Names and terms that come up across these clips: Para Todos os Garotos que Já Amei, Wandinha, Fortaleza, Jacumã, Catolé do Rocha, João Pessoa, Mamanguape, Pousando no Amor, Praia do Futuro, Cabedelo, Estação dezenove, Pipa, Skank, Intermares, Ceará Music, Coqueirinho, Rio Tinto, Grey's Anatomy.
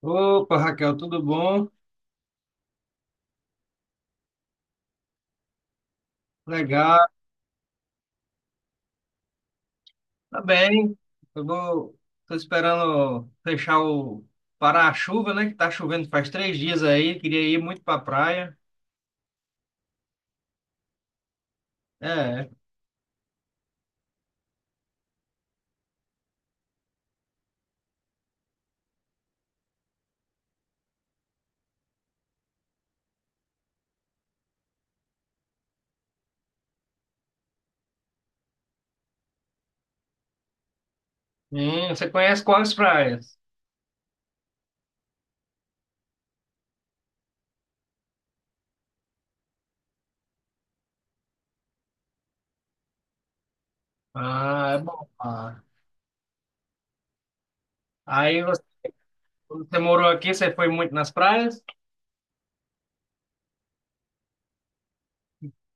Opa, Raquel, tudo bom? Legal, tá bem. Eu vou, tô esperando fechar o parar a chuva, né? Que tá chovendo faz 3 dias aí. Queria ir muito pra praia. É. Você conhece quais praias? Ah, é bom. Ah, Aí você, você morou aqui, você foi muito nas praias?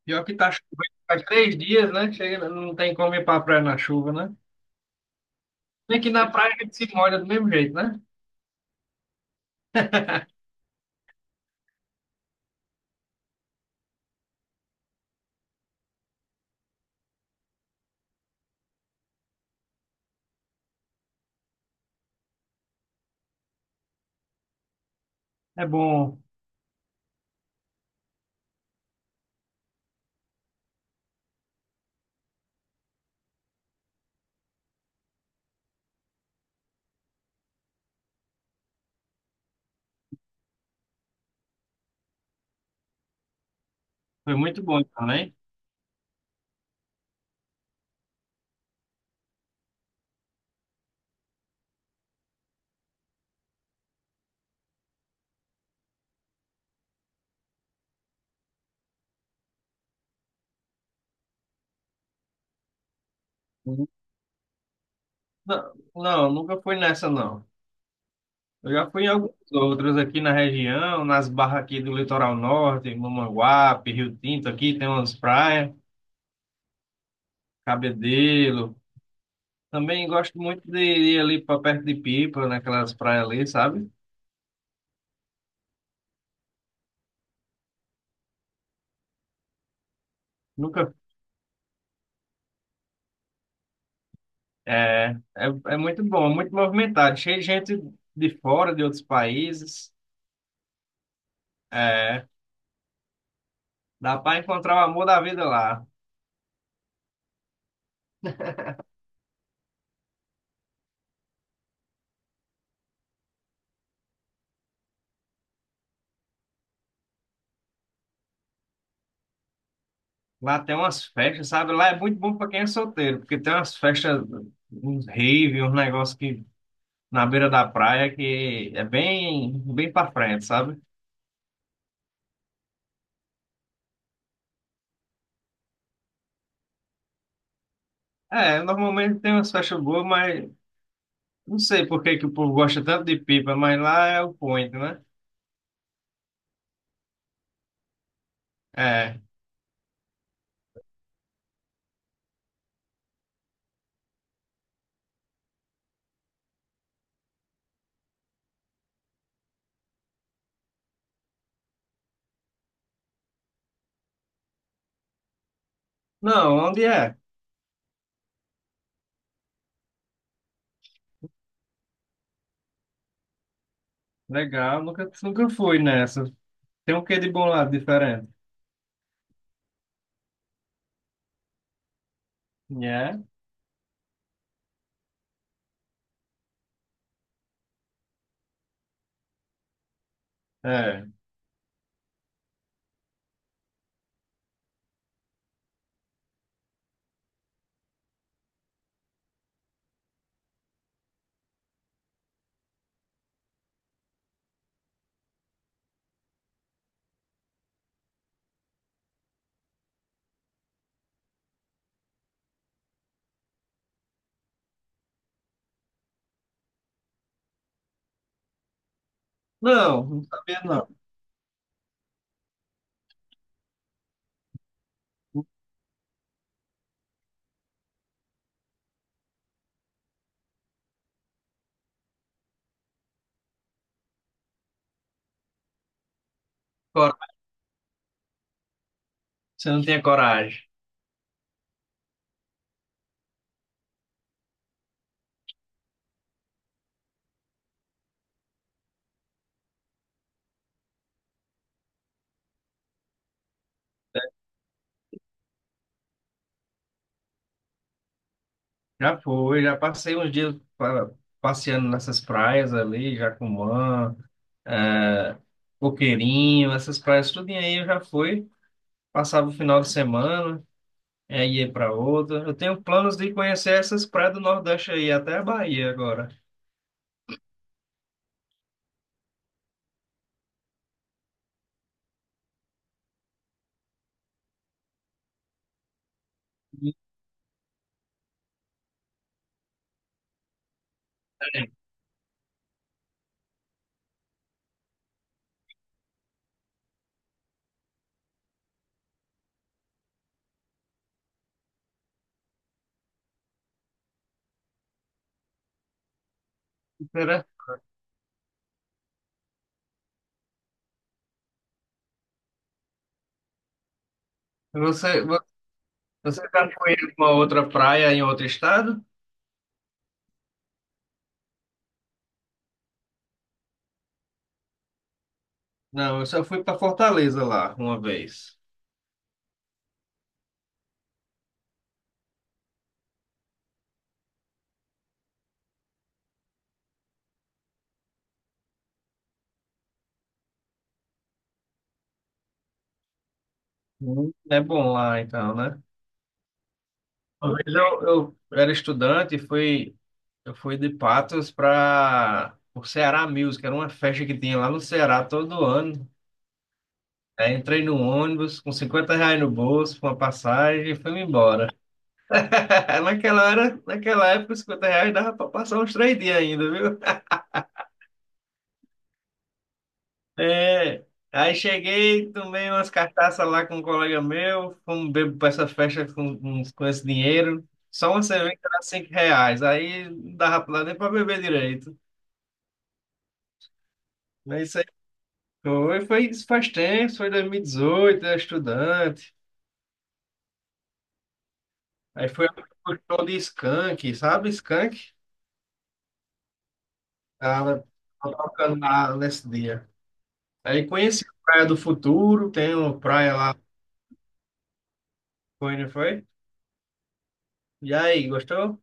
Pior que tá chovendo faz três dias, né? Chega, não tem como ir pra praia na chuva, né? Bem que na praia a gente se molha do mesmo jeito, né? É bom. Foi muito bom também. Não, não, nunca fui nessa, não. Eu já fui em alguns outros aqui na região, nas barras aqui do litoral norte, Mamanguape, Rio Tinto, aqui tem umas praias, Cabedelo. Também gosto muito de ir ali para perto de Pipa, naquelas praias ali, sabe? Nunca. É muito bom, muito movimentado, cheio de gente de fora, de outros países. É, dá para encontrar o amor da vida lá. Lá tem umas festas, sabe? Lá é muito bom para quem é solteiro, porque tem umas festas, uns rave, uns negócios que na beira da praia que é bem, bem para frente, sabe? É, normalmente tem umas festas boas, mas não sei por que que o povo gosta tanto de pipa, mas lá é o point, né? É. Não, onde é? Legal, nunca, nunca fui nessa. Tem um quê de bom lá diferente? É? É. Não, não sabia não. Coragem. Você não tinha coragem. Já foi, já passei uns dias passeando nessas praias ali, Jacumã, é, Coqueirinho, essas praias, tudo aí eu já fui. Passava o final de semana, é, ia para outra. Eu tenho planos de conhecer essas praias do Nordeste aí, até a Bahia agora. É, será? Você, vo- você já foi em uma outra praia em outro estado? Não, eu só fui para Fortaleza lá uma vez. Hum. É bom lá então, né? Uma vez eu era estudante e fui. Eu fui de Patos para o Ceará Music, era uma festa que tinha lá no Ceará todo ano. Aí entrei no ônibus com R$ 50 no bolso, com uma passagem e fui embora. Naquela hora, naquela época, R$ 50 dava para passar uns 3 dias ainda, viu? É, aí cheguei, tomei umas cartaças lá com um colega meu, fomos beber para essa festa com esse dinheiro. Só uma cerveja era R$ 5, aí não dava nem para beber direito. Mas isso foi, isso faz tempo, foi 2018, era estudante. Aí foi o show de Skank, sabe? Skank? Tava tocando lá nesse dia. Aí conheci a Praia do Futuro, tem uma praia lá, foi, não foi? E aí, gostou?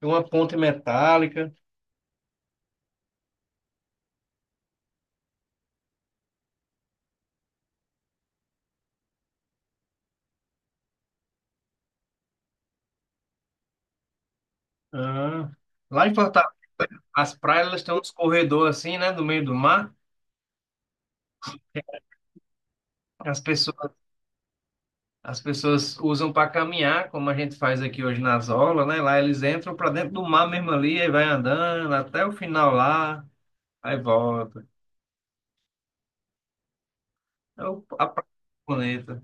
Tem uma ponte metálica. Ah. Lá em Fortaleza, as praias elas têm uns corredores assim, né, no meio do mar. As pessoas As pessoas usam para caminhar, como a gente faz aqui hoje nas aulas, né? Lá eles entram para dentro do mar mesmo ali, aí vai andando até o final lá, aí volta. A praia bonita.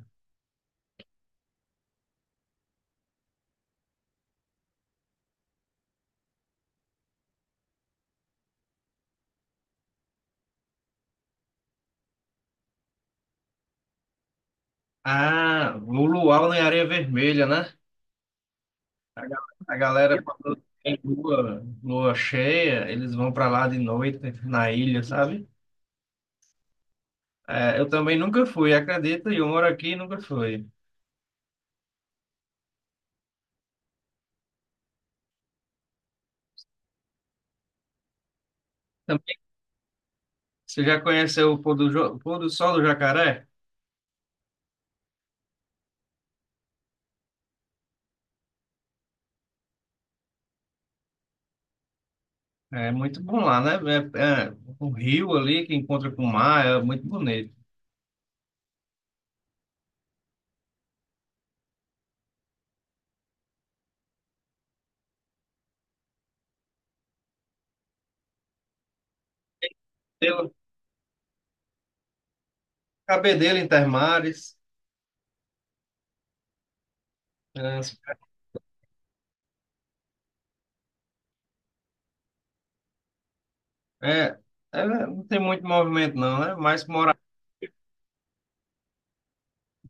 Ah, o luau em areia vermelha, né? A ga- a galera, quando tem lua, lua cheia, eles vão para lá de noite na ilha, sabe? É, eu também nunca fui, acredita, eu moro aqui e nunca fui. Também, você já conheceu o pôr do sol do jacaré? É muito bom lá, né? É, é, o rio ali que encontra com o mar é muito bonito. Pelo Cabedelo Intermares. É, é, não tem muito movimento não, né? Mas mora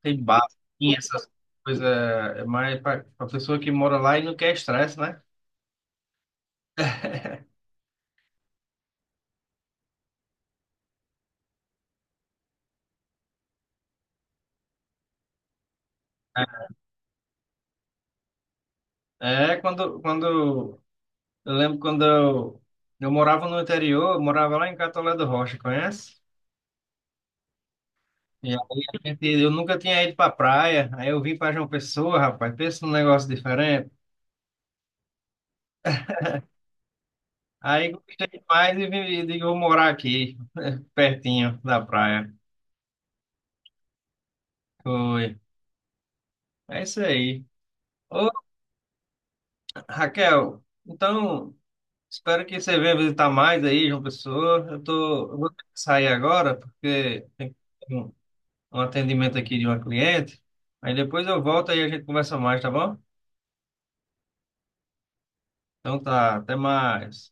tem bar, tem essas coisas. É mais para a pessoa que mora lá e não quer estresse, né? É, quando eu lembro quando eu morava no interior, eu morava lá em Catolé do Rocha, conhece? E aí, eu nunca tinha ido pra praia, aí eu vim pra João Pessoa, rapaz, pensa num negócio diferente. Aí gostei demais e digo, vou morar aqui, pertinho da praia. Foi. É isso aí. Ô, Raquel, então, espero que você venha visitar mais aí, João Pessoa. Eu vou ter que sair agora, porque tem um, um atendimento aqui de uma cliente. Aí depois eu volto e a gente conversa mais, tá bom? Então tá, até mais.